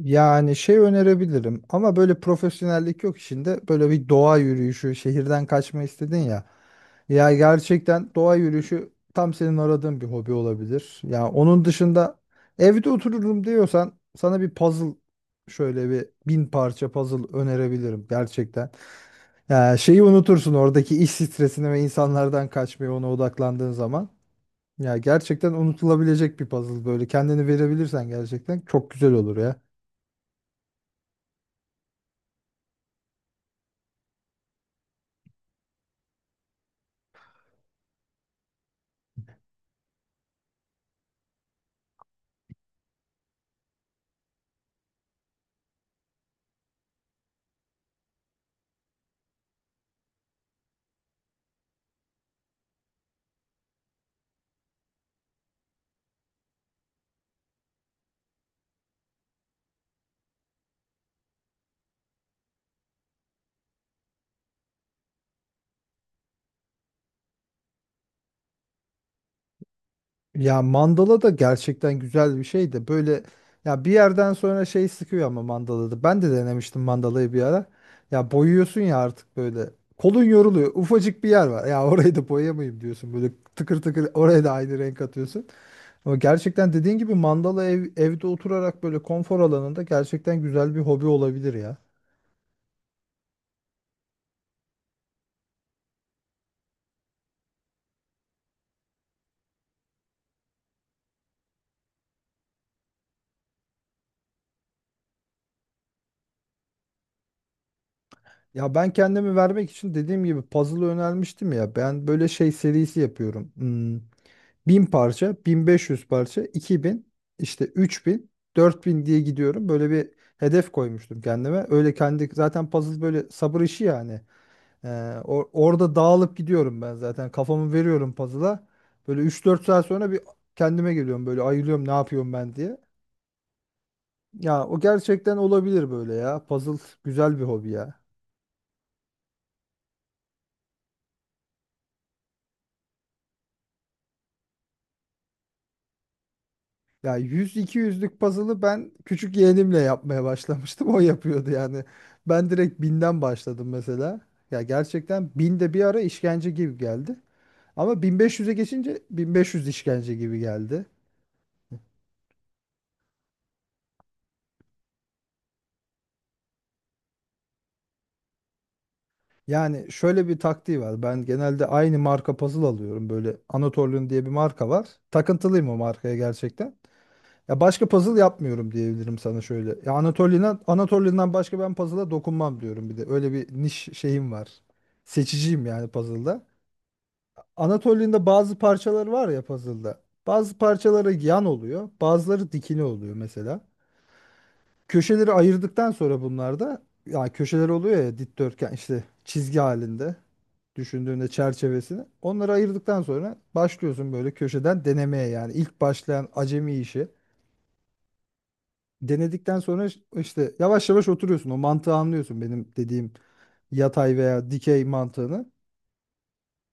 Yani şey önerebilirim ama böyle profesyonellik yok işinde. Böyle bir doğa yürüyüşü, şehirden kaçma istedin ya. Ya gerçekten doğa yürüyüşü tam senin aradığın bir hobi olabilir. Ya onun dışında evde otururum diyorsan sana bir puzzle şöyle bir 1000 parça puzzle önerebilirim gerçekten. Ya şeyi unutursun oradaki iş stresini ve insanlardan kaçmayı ona odaklandığın zaman. Ya gerçekten unutulabilecek bir puzzle böyle kendini verebilirsen gerçekten çok güzel olur ya. Ya mandala da gerçekten güzel bir şey de böyle ya bir yerden sonra şey sıkıyor ama mandalada. Ben de denemiştim mandalayı bir ara. Ya boyuyorsun ya artık böyle. Kolun yoruluyor. Ufacık bir yer var. Ya orayı da boyayamayayım diyorsun. Böyle tıkır tıkır oraya da aynı renk atıyorsun. Ama gerçekten dediğin gibi mandala evde oturarak böyle konfor alanında gerçekten güzel bir hobi olabilir ya. Ya ben kendimi vermek için dediğim gibi puzzle önermiştim ya. Ben böyle şey serisi yapıyorum. Hmm. Bin parça, 1500 parça, 2000, işte 3000, 4000 diye gidiyorum. Böyle bir hedef koymuştum kendime. Öyle kendi zaten puzzle böyle sabır işi yani. Ee, Orada dağılıp gidiyorum ben zaten. Kafamı veriyorum puzzle'a. Böyle üç dört saat sonra bir kendime geliyorum böyle ayılıyorum ne yapıyorum ben diye. Ya o gerçekten olabilir böyle ya. Puzzle güzel bir hobi ya. Ya 100-200'lük puzzle'ı ben küçük yeğenimle yapmaya başlamıştım. O yapıyordu yani. Ben direkt binden başladım mesela. Ya gerçekten 1000 de bir ara işkence gibi geldi. Ama 1500'e geçince 1500 işkence gibi geldi. Yani şöyle bir taktiği var. Ben genelde aynı marka puzzle alıyorum. Böyle Anatolian diye bir marka var. Takıntılıyım o markaya gerçekten. Ya başka puzzle yapmıyorum diyebilirim sana şöyle. Ya Anatolia'dan başka ben puzzle'a dokunmam diyorum bir de. Öyle bir niş şeyim var. Seçiciyim yani puzzle'da. Anatolia'nda bazı parçalar var ya puzzle'da. Bazı parçaları yan oluyor, bazıları dikine oluyor mesela. Köşeleri ayırdıktan sonra bunlarda ya köşeler oluyor ya dikdörtgen işte çizgi halinde düşündüğünde çerçevesini. Onları ayırdıktan sonra başlıyorsun böyle köşeden denemeye yani ilk başlayan acemi işi. Denedikten sonra işte yavaş yavaş oturuyorsun. O mantığı anlıyorsun benim dediğim yatay veya dikey mantığını.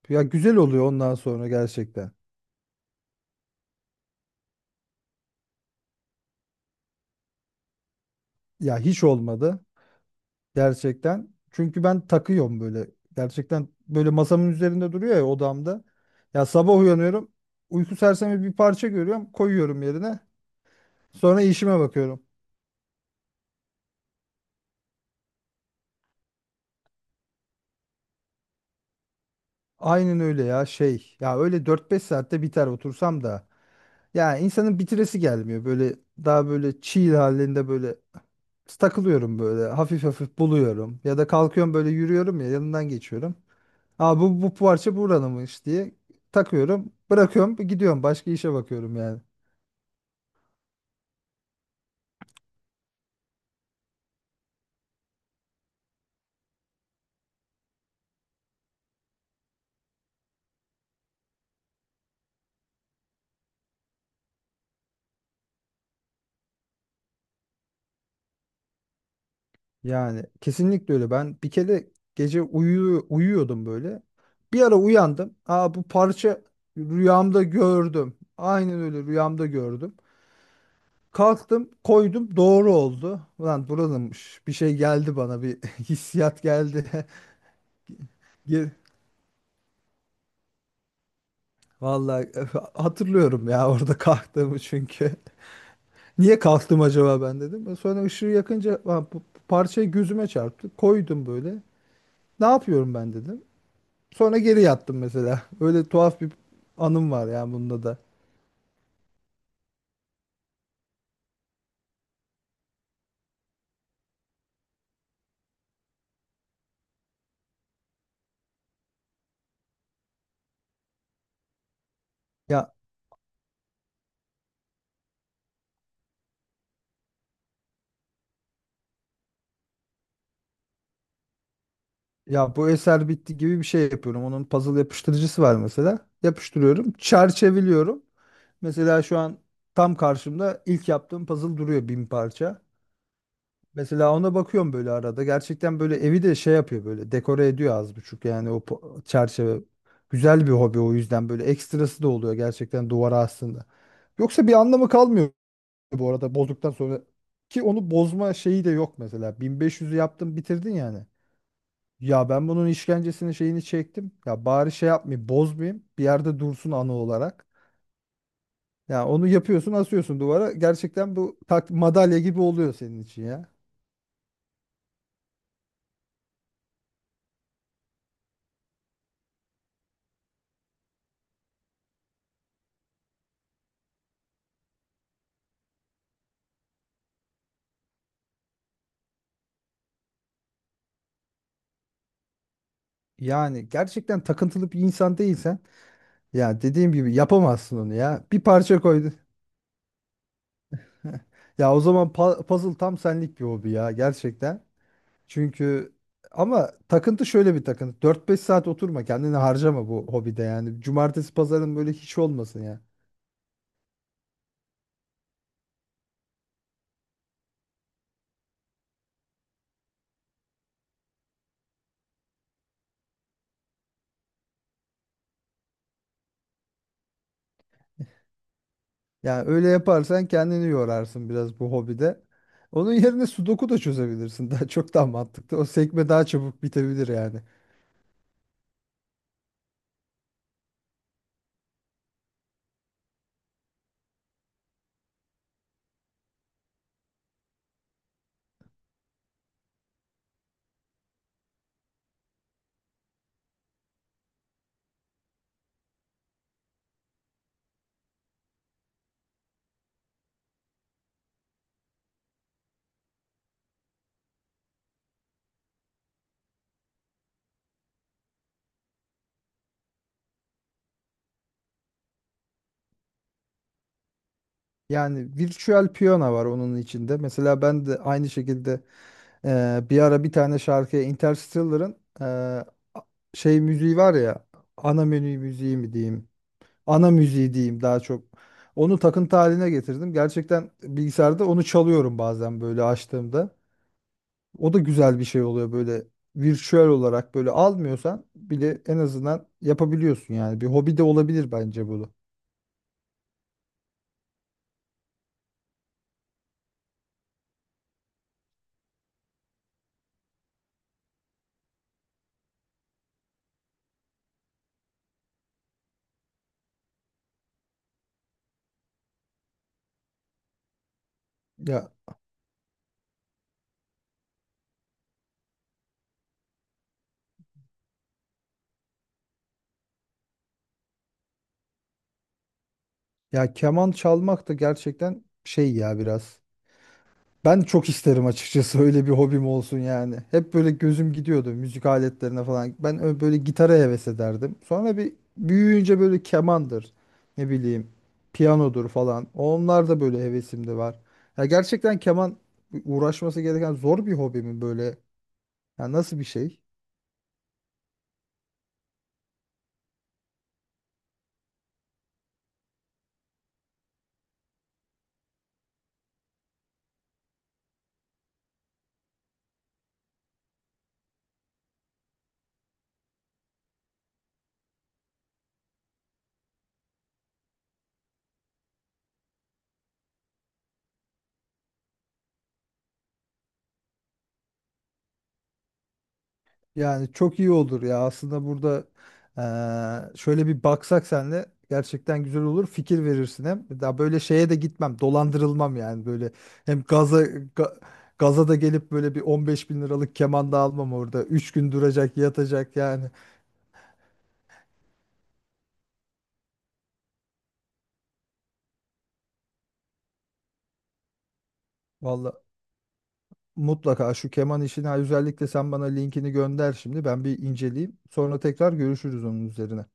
Ya güzel oluyor ondan sonra gerçekten. Ya hiç olmadı gerçekten. Çünkü ben takıyorum böyle. Gerçekten böyle masamın üzerinde duruyor ya odamda. Ya sabah uyanıyorum. Uyku sersemi bir parça görüyorum. Koyuyorum yerine. Sonra işime bakıyorum. Aynen öyle ya şey. Ya öyle dört beş saatte biter otursam da. Ya insanın bitiresi gelmiyor. Böyle daha böyle çiğ halinde böyle takılıyorum böyle hafif hafif buluyorum ya da kalkıyorum böyle yürüyorum ya yanından geçiyorum. Aa bu parça buranınmış diye takıyorum, bırakıyorum, gidiyorum başka işe bakıyorum yani. Yani kesinlikle öyle. Ben bir kere gece uyuyordum böyle. Bir ara uyandım. Aa bu parça rüyamda gördüm. Aynen öyle rüyamda gördüm. Kalktım, koydum, doğru oldu. Ulan buranınmış. Bir şey geldi bana, bir hissiyat geldi. Vallahi hatırlıyorum ya orada kalktığımı çünkü. Niye kalktım acaba ben dedim. Sonra ışığı yakınca ha, parçayı gözüme çarptı. Koydum böyle. Ne yapıyorum ben dedim. Sonra geri yattım mesela. Öyle tuhaf bir anım var ya bunda da. Ya ya bu eser bitti gibi bir şey yapıyorum. Onun puzzle yapıştırıcısı var mesela. Yapıştırıyorum, çerçeveliyorum. Mesela şu an tam karşımda ilk yaptığım puzzle duruyor 1000 parça. Mesela ona bakıyorum böyle arada. Gerçekten böyle evi de şey yapıyor böyle dekore ediyor az buçuk yani o çerçeve. Güzel bir hobi o yüzden böyle ekstrası da oluyor gerçekten duvara aslında. Yoksa bir anlamı kalmıyor bu arada bozduktan sonra. Ki onu bozma şeyi de yok mesela. 1500'ü yaptın bitirdin yani. Ya ben bunun işkencesini şeyini çektim. Ya bari şey yapmayayım bozmayayım. Bir yerde dursun anı olarak. Ya onu yapıyorsun asıyorsun duvara. Gerçekten bu tak madalya gibi oluyor senin için ya. Yani gerçekten takıntılı bir insan değilsen ya dediğim gibi yapamazsın onu ya. Bir parça koydun. Ya o zaman puzzle tam senlik bir hobi ya gerçekten. Çünkü ama takıntı şöyle bir takıntı. Dört beş saat oturma kendini harcama bu hobide yani. Cumartesi pazarın böyle hiç olmasın ya. Yani öyle yaparsan kendini yorarsın biraz bu hobide. Onun yerine sudoku da çözebilirsin. Daha çok daha mantıklı. O sekme daha çabuk bitebilir yani. Yani virtual piyano var onun içinde. Mesela ben de aynı şekilde bir ara bir tane şarkıya Interstellar'ın e, a- şey müziği var ya, ana menü müziği mi diyeyim, ana müziği diyeyim daha çok, onu takıntı haline getirdim gerçekten. Bilgisayarda onu çalıyorum bazen böyle açtığımda. O da güzel bir şey oluyor böyle. Virtüel olarak böyle almıyorsan bile en azından yapabiliyorsun yani, bir hobi de olabilir bence bunu. Ya ya keman çalmak da gerçekten şey ya biraz. Ben çok isterim açıkçası öyle bir hobim olsun yani. Hep böyle gözüm gidiyordu müzik aletlerine falan. Ben böyle gitara heves ederdim. Sonra bir büyüyünce böyle kemandır, ne bileyim, piyanodur falan. Onlar da böyle hevesimde var. Ya gerçekten keman uğraşması gereken zor bir hobi mi böyle? Ya nasıl bir şey? Yani çok iyi olur ya. Aslında burada şöyle bir baksak senle gerçekten güzel olur. Fikir verirsin hem. Daha böyle şeye de gitmem. Dolandırılmam yani böyle. Hem gaza da gelip böyle bir 15 bin liralık keman da almam orada. Üç gün duracak, yatacak yani. Valla mutlaka şu keman işini ha, özellikle sen bana linkini gönder şimdi. Ben bir inceleyeyim. Sonra tekrar görüşürüz onun üzerine.